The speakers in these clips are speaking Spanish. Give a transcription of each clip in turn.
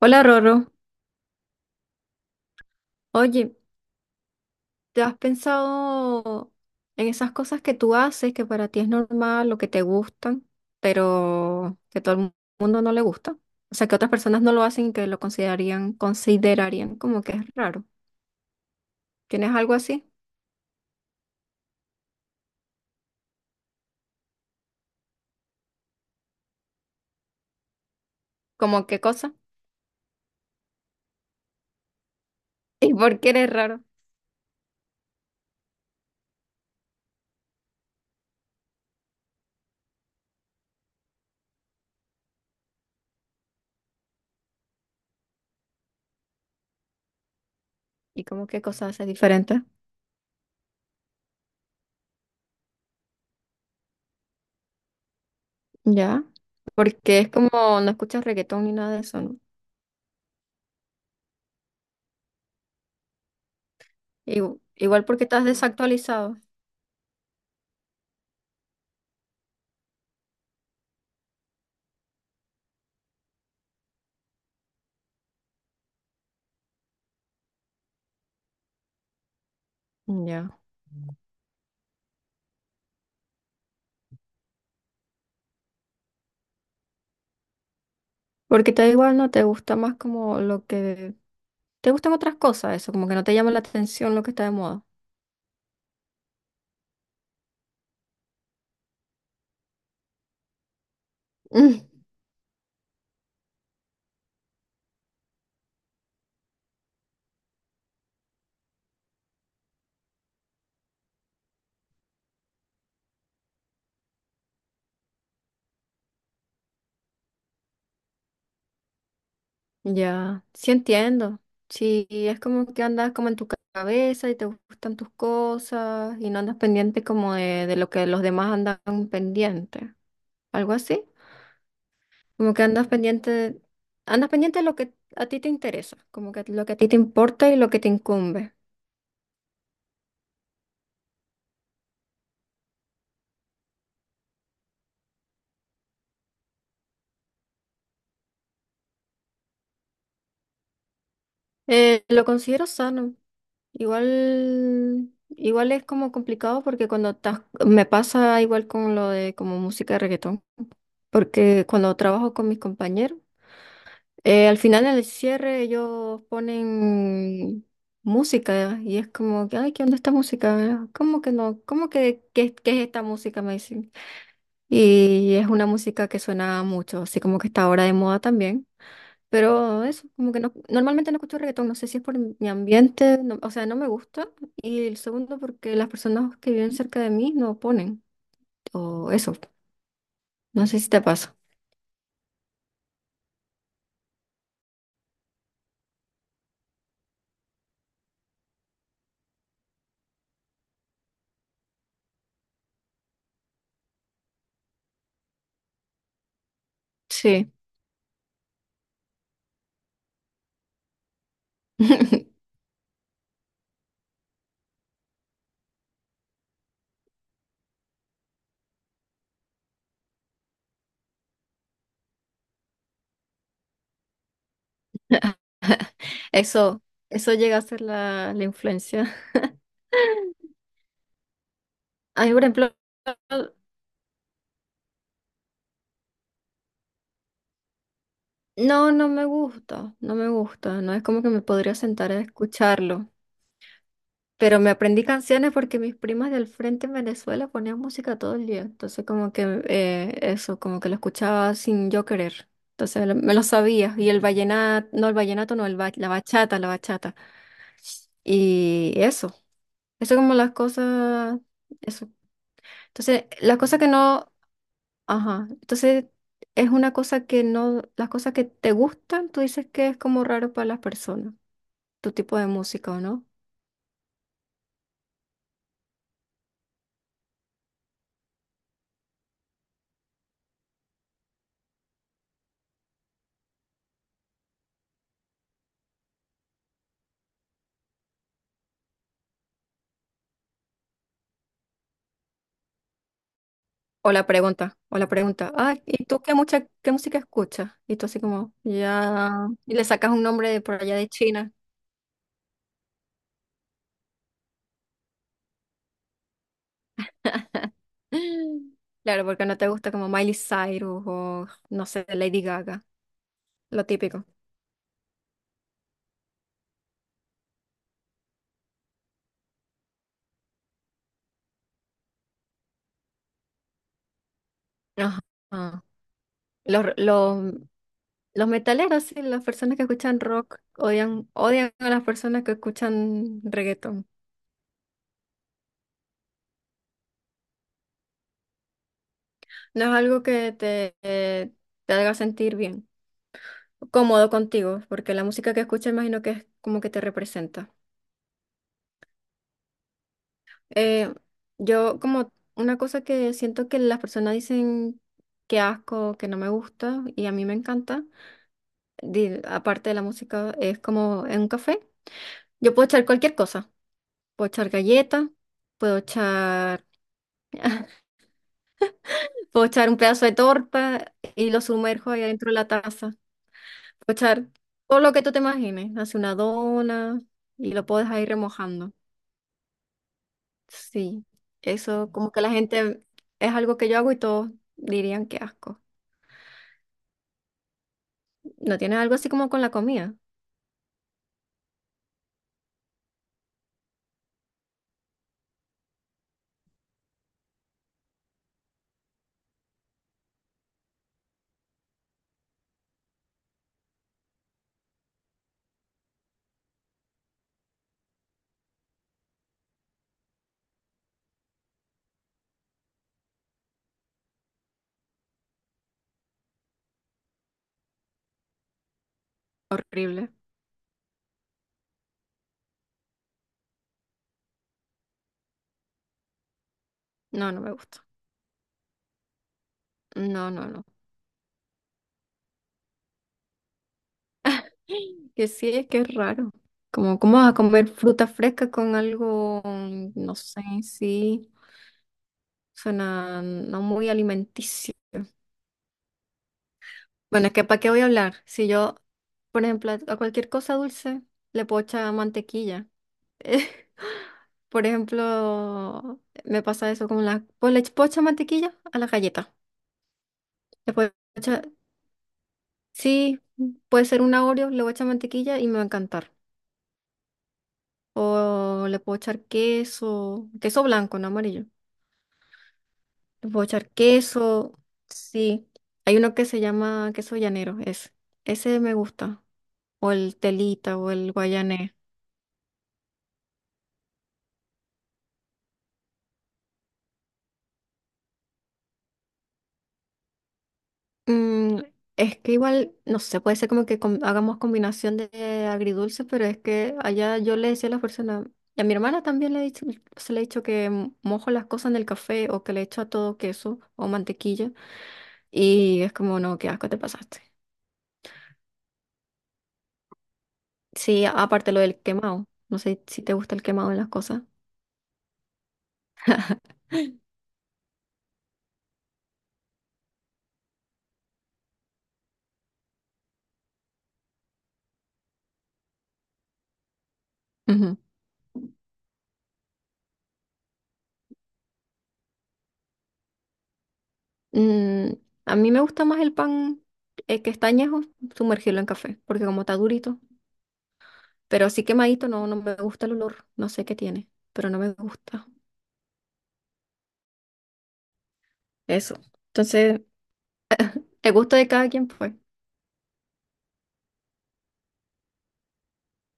Hola Roro, oye, ¿te has pensado en esas cosas que tú haces, que para ti es normal o que te gustan, pero que mundo no le gusta? O sea, que otras personas no lo hacen y que lo considerarían como que es raro. ¿Tienes algo así? ¿Como qué cosa? ¿Y por qué eres raro? ¿Y cómo qué cosa haces diferente? Ya, porque es como no escuchas reggaetón ni nada de eso, ¿no? Igual porque estás desactualizado. Ya. Porque te da igual, no te gusta más como lo que... ¿Te gustan otras cosas eso? Como que no te llama la atención lo que está de moda. Mm, ya, sí entiendo. Sí, es como que andas como en tu cabeza y te gustan tus cosas y no andas pendiente como de lo que los demás andan pendiente. Algo así. Como que andas pendiente de lo que a ti te interesa, como que lo que a ti te importa y lo que te incumbe. Lo considero sano. Igual, igual es como complicado porque cuando estás, me pasa igual con lo de como música de reggaetón. Porque cuando trabajo con mis compañeros, al final en el cierre ellos ponen música y es como que, ay, ¿qué onda esta música? ¿Cómo que no? ¿Cómo que qué es esta música? Me dicen. Y es una música que suena mucho, así como que está ahora de moda también. Pero eso, como que no, normalmente no escucho reggaetón, no sé si es por mi ambiente, o sea, no me gusta. Y el segundo, porque las personas que viven cerca de mí no ponen, o eso, no sé si te pasa. Sí. Eso, eso llega a ser la influencia. A mí, por ejemplo, no, no me gusta, no me gusta, no es como que me podría sentar a escucharlo, pero me aprendí canciones porque mis primas del frente en Venezuela ponían música todo el día, entonces como que eso, como que lo escuchaba sin yo querer, entonces me lo sabía, y el vallenato, no, la bachata, y eso como las cosas, eso. Entonces, las cosas que no... Ajá. Entonces, es una cosa que no, las cosas que te gustan, tú dices que es como raro para las personas, tu tipo de música, ¿o no? O la pregunta, ah, ¿y tú qué música escuchas? Y tú así como, ya, y le sacas un nombre de por allá de China. Claro, porque no te gusta como Miley Cyrus o, no sé, Lady Gaga, lo típico. Ajá. Ah, Los, los, los metaleros, sí, las personas que escuchan rock odian, odian a las personas que escuchan reggaetón. No es algo que te haga sentir bien, cómodo contigo, porque la música que escuchas imagino que es como que te representa. Eh, yo como una cosa que siento que las personas dicen que asco, que no me gusta, y a mí me encanta, aparte de la música, es como en un café. Yo puedo echar cualquier cosa, puedo echar galleta, puedo echar, puedo echar un pedazo de torta y lo sumerjo ahí adentro de la taza. Puedes echar todo lo que tú te imagines. Hace una dona y lo puedes ir remojando. Sí, eso como que la gente es algo que yo hago y todos dirían que asco. ¿No tienes algo así como con la comida? Horrible. No, no me gusta. No, no, no. Que sí, es que es raro. Como, ¿cómo vas a comer fruta fresca con algo, mm, no sé, sí, suena no muy alimenticio. Bueno, es que ¿para qué voy a hablar? Si yo, por ejemplo, a cualquier cosa dulce le puedo echar mantequilla. Por ejemplo, me pasa eso con la... Pues le puedo echar mantequilla a la galleta. Le puedo echar- Sí, puede ser un Oreo, le voy a echar mantequilla y me va a encantar. O le puedo echar queso, queso blanco, no amarillo. Le puedo echar queso, sí. Hay uno que se llama queso llanero, ese. Ese me gusta. O el telita o el guayanés. Mm, es que igual, no sé, puede ser como que hagamos combinación de agridulce, pero es que allá yo le decía a las personas, y a mi hermana también le he dicho, se le he dicho que mojo las cosas en el café o que le echo a todo queso o mantequilla, y es como, no, qué asco te pasaste. Sí, aparte lo del quemado, no sé si te gusta el quemado en las cosas. Ujú. Mm, a mí me gusta más el pan que está añejo, sumergirlo en café, porque como está durito. Pero así quemadito no, no me gusta el olor. No sé qué tiene, pero no me gusta. Eso. Entonces, el gusto de cada quien fue.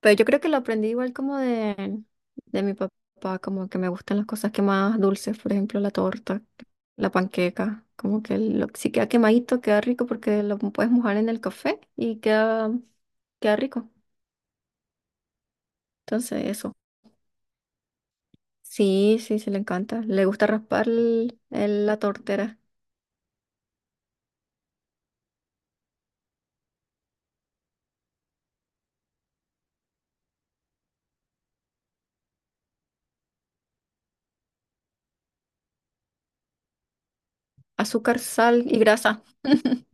Pero yo creo que lo aprendí igual como de mi papá, como que me gustan las cosas quemadas dulces, por ejemplo, la torta, la panqueca. Como que lo, si queda quemadito, queda rico porque lo puedes mojar en el café y queda, queda rico. Entonces, eso. Sí, sí, sí, le encanta. Le gusta raspar la tortera. Azúcar, sal y grasa.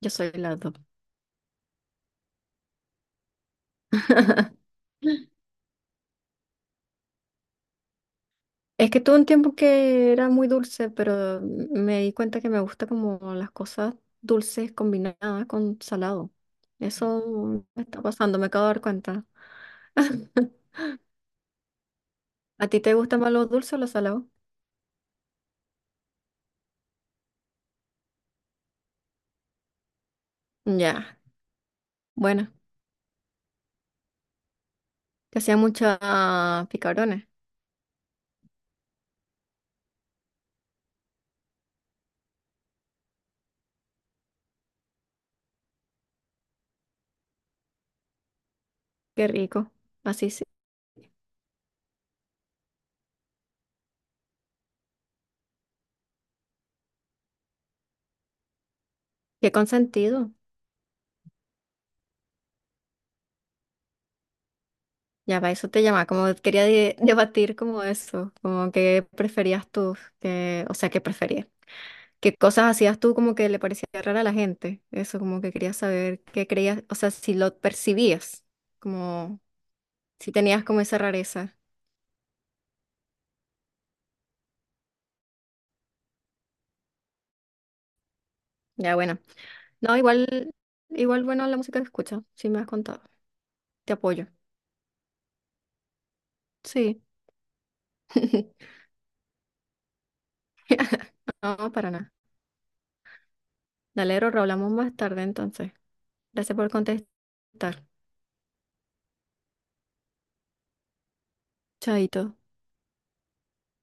Yo soy las dos. Es que tuve un tiempo que era muy dulce, pero me di cuenta que me gusta como las cosas dulces combinadas con salado. Eso me está pasando, me acabo de dar cuenta. ¿A ti te gusta más lo dulce o lo salado? Ya, bueno, te hacía muchos picarones. Qué rico. Así sí. Qué consentido. Ya va, eso te llama. Como debatir como eso, como que preferías tú, que, o sea, que preferías. ¿Qué cosas hacías tú como que le parecía rara a la gente? Eso, como que querías saber qué creías, o sea, si lo percibías, como si tenías como esa rareza. Ya, bueno. No, igual, igual, bueno, la música que escucho, sí me has contado. Te apoyo. Sí. No, para nada. Dale, Rorro, hablamos más tarde entonces. Gracias por contestar. Chaito.